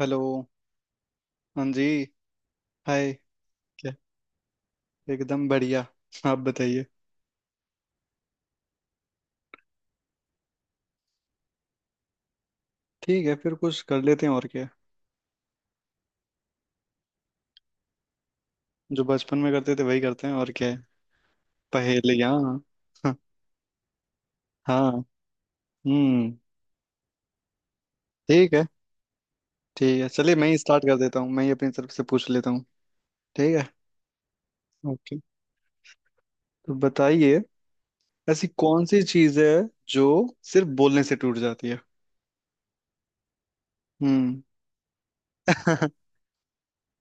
Hello. हाँ जी। Hi. क्या? एकदम बढ़िया। आप बताइए। ठीक है फिर कुछ कर लेते हैं और क्या। जो बचपन में करते थे वही करते हैं और क्या है। पहेलियाँ। हाँ। हाँ, हम्म। ठीक है। ठीक है चलिए मैं ही स्टार्ट कर देता हूँ, मैं ही अपनी तरफ से पूछ लेता हूँ। ठीक है। ओके। तो बताइए। ऐसी कौन सी चीज़ है जो सिर्फ बोलने से टूट जाती है? हम्म।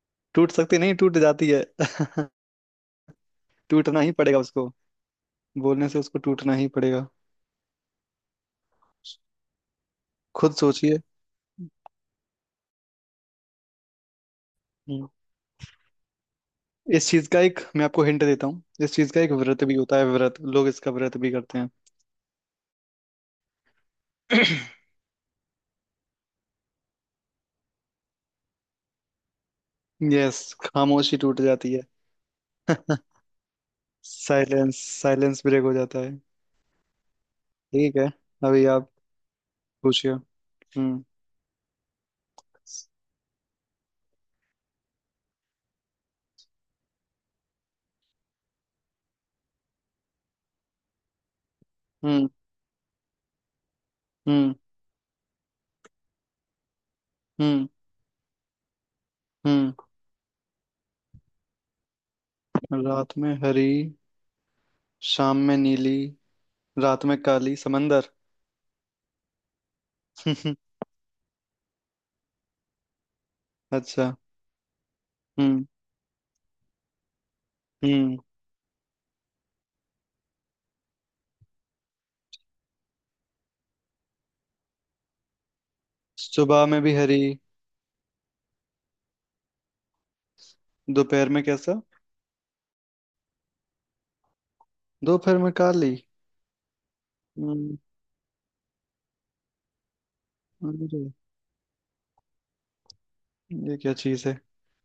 टूट सकती नहीं, टूट जाती है। टूटना ही पड़ेगा उसको, बोलने से उसको टूटना ही पड़ेगा। खुद सोचिए। हम्म। इस चीज का एक मैं आपको हिंट देता हूँ, इस चीज का एक व्रत भी होता है, व्रत लोग इसका व्रत भी करते हैं। यस। खामोशी टूट जाती है। साइलेंस। साइलेंस ब्रेक हो जाता है। ठीक है। अभी आप पूछिए। हम्म। हम्म। हम्म। हम्म। रात में हरी, शाम में नीली, रात में काली समंदर। अच्छा। हम्म। हम्म। सुबह में भी हरी। दोपहर में कैसा? दोपहर में काली। हम्म। अरे, ये क्या चीज है?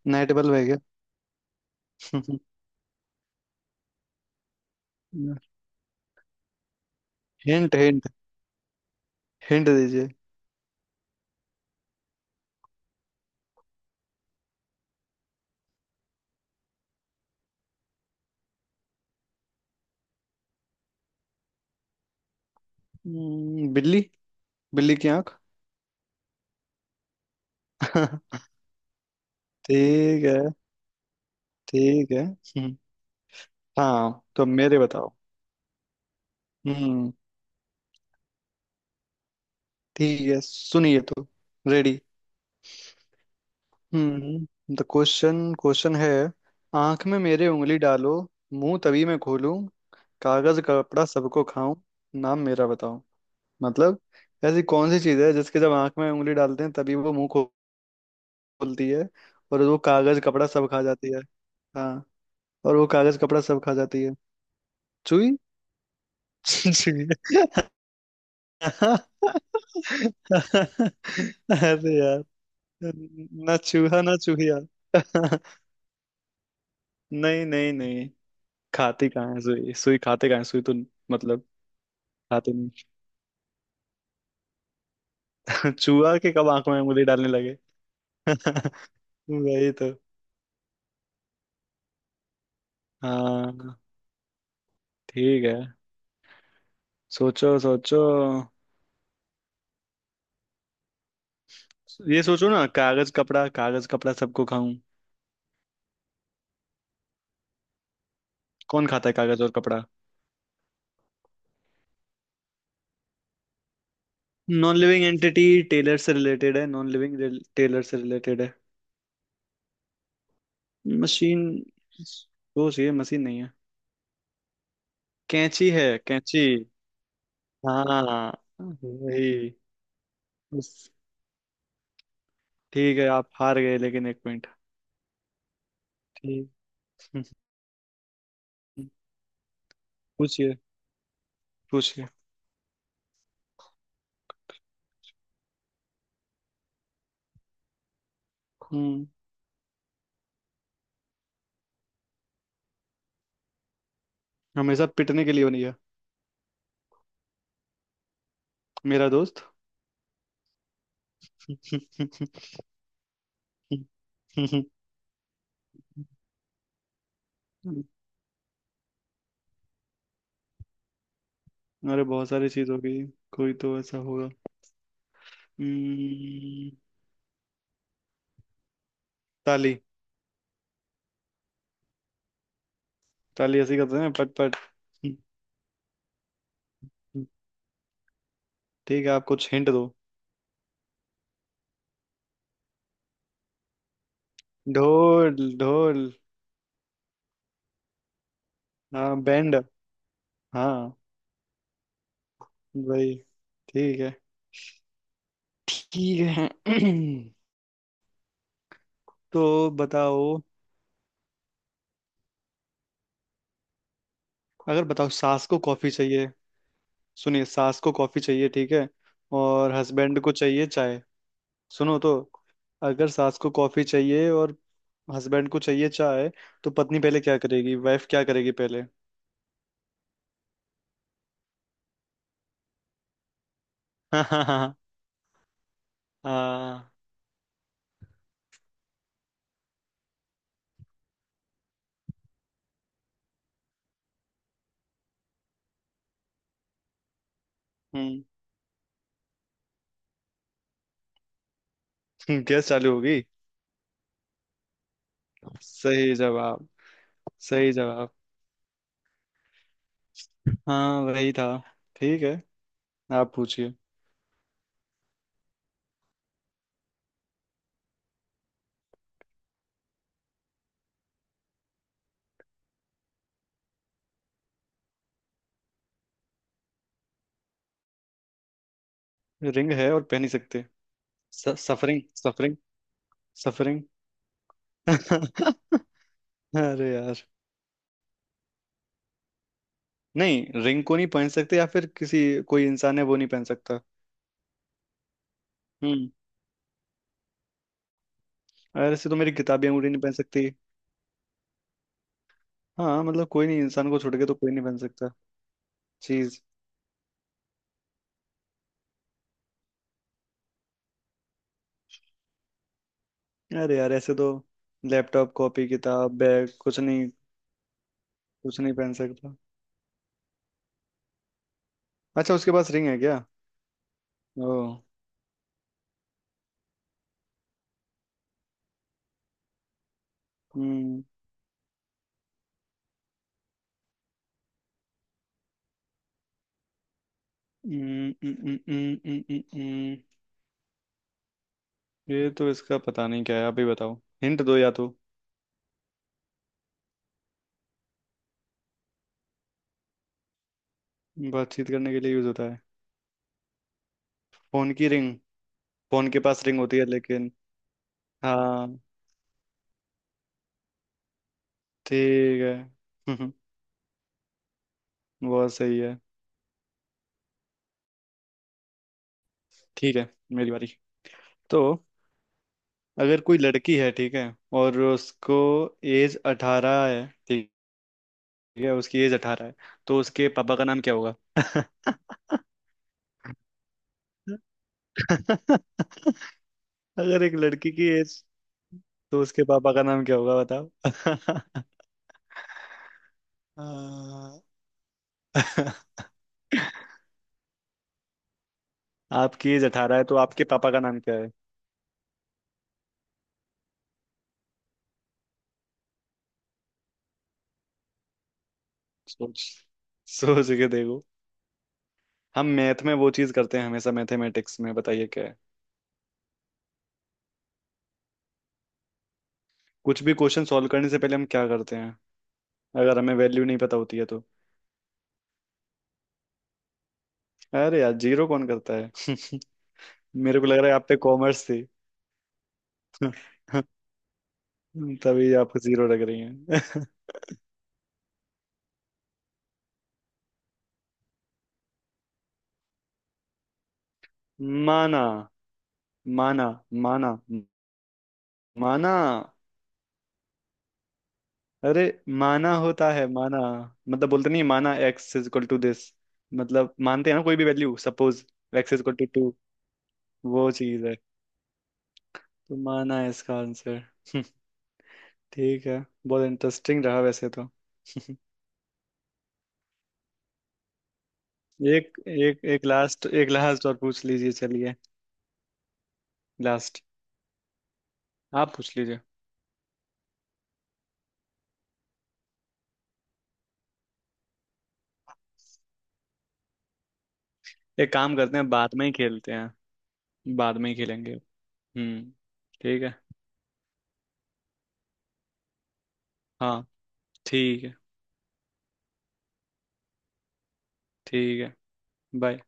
नाइट बल्ब है क्या? Hint hint. हिंट दीजिए। बिल्ली। बिल्ली की आंख। ठीक है। ठीक है। हम्म। हाँ तो मेरे बताओ। हम्म। ठीक है सुनिए तो। रेडी। द क्वेश्चन क्वेश्चन है। आंख में मेरे उंगली डालो, मुंह तभी मैं खोलूं, कागज कपड़ा सबको खाऊं, नाम मेरा बताओ। मतलब ऐसी कौन सी चीज है जिसके जब आंख में उंगली डालते हैं तभी वो मुंह खो- खोलती है और वो कागज कपड़ा सब खा जाती है। हाँ। और वो कागज कपड़ा सब खा जाती है। चूई। जी। अरे यार, ना चूहा ना चूहिया। नहीं नहीं नहीं। खाती कहाँ है सुई, सुई खाते कहाँ है सुई तो। मतलब। खाते नहीं। चूहा के कब आंखों में उंगली डालने लगे। वही तो। हाँ। ठीक है। सोचो सोचो। ये सोचो ना कागज कपड़ा, कागज कपड़ा सबको खाऊं। कौन खाता है कागज और कपड़ा? नॉन लिविंग एंटिटी, टेलर से रिलेटेड है, नॉन लिविंग। टेलर से रिलेटेड है। मशीन। सोच ये मशीन नहीं है। कैंची है कैंची। हाँ वही। उस- ठीक है आप हार गए लेकिन एक पॉइंट। ठीक। हम्म, पूछिए। पूछिए। हम्म हमेशा पिटने के लिए बनी है। मेरा दोस्त। अरे बहुत सारी चीज होगी। कोई तो ऐसा होगा। हम्म, ताली। ताली ऐसी करते हैं पट पट। ठीक है आप कुछ हिंट दो। ढोल ढोल। हाँ बैंड। हाँ वही। ठीक है। ठीक है। तो बताओ। अगर बताओ सास को कॉफी चाहिए। सुनिए सास को कॉफी चाहिए, ठीक है। और हस्बैंड को चाहिए चाय। सुनो तो। अगर सास को कॉफी चाहिए और हस्बैंड को चाहिए चाय तो पत्नी पहले क्या करेगी, वाइफ क्या करेगी पहले? हाँ हाँ हाँ हाँ। हम्म। गैस चालू होगी। सही जवाब। सही जवाब। हाँ वही था। ठीक है। आप पूछिए। रिंग है और पहन ही सकते? सफरिंग। सफरिंग। सफरिंग। अरे यार। नहीं रिंग को नहीं पहन सकते या फिर किसी, कोई इंसान है वो नहीं पहन सकता? हम्म। और ऐसे तो मेरी किताबी अंगूठी नहीं पहन सकती। हाँ मतलब कोई नहीं, इंसान को छोड़ के तो कोई नहीं पहन सकता। चीज। अरे यार ऐसे तो लैपटॉप, कॉपी, किताब, बैग कुछ नहीं। कुछ नहीं पहन सकता। अच्छा उसके पास रिंग है क्या? ओ। हम्म। हम्म, हम्म, हम्म, हम्म, हम्म, हम्म, हम्म। ये तो इसका पता नहीं क्या है, आप ही बताओ। हिंट दो या तो। बातचीत करने के लिए यूज होता है। फोन की रिंग। फोन के पास रिंग होती है लेकिन। हाँ। ठीक है। बहुत सही है। ठीक है। मेरी बारी। तो अगर कोई लड़की है, ठीक है, और उसको एज 18 है, ठीक है उसकी एज 18 है, तो उसके पापा का नाम क्या होगा? अगर एक लड़की की एज, तो उसके पापा का नाम क्या होगा बताओ? आ, आपकी एज 18 है तो आपके पापा का नाम क्या है? सोच। सोच के देखो। हम मैथ में वो चीज करते हैं हमेशा, मैथमेटिक्स में बताइए क्या है। कुछ भी क्वेश्चन सॉल्व करने से पहले हम क्या करते हैं अगर हमें वैल्यू नहीं पता होती है तो? अरे यार जीरो कौन करता है। मेरे को लग रहा है आप पे कॉमर्स थी। तभी आपको जीरो लग रही है। माना। माना। माना। माना। अरे माना होता है माना। मतलब बोलते नहीं माना, X is equal to this. मतलब मानते हैं ना कोई भी value suppose, X is equal to 2। वो चीज है। तो माना है इसका आंसर। ठीक है। बहुत इंटरेस्टिंग रहा वैसे तो। एक एक एक लास्ट, एक लास्ट और पूछ लीजिए चलिए। लास्ट। आप पूछ लीजिए। एक काम करते हैं बाद में ही खेलते हैं। बाद में ही खेलेंगे। हम्म। ठीक है। हाँ। ठीक है। ठीक है। बाय।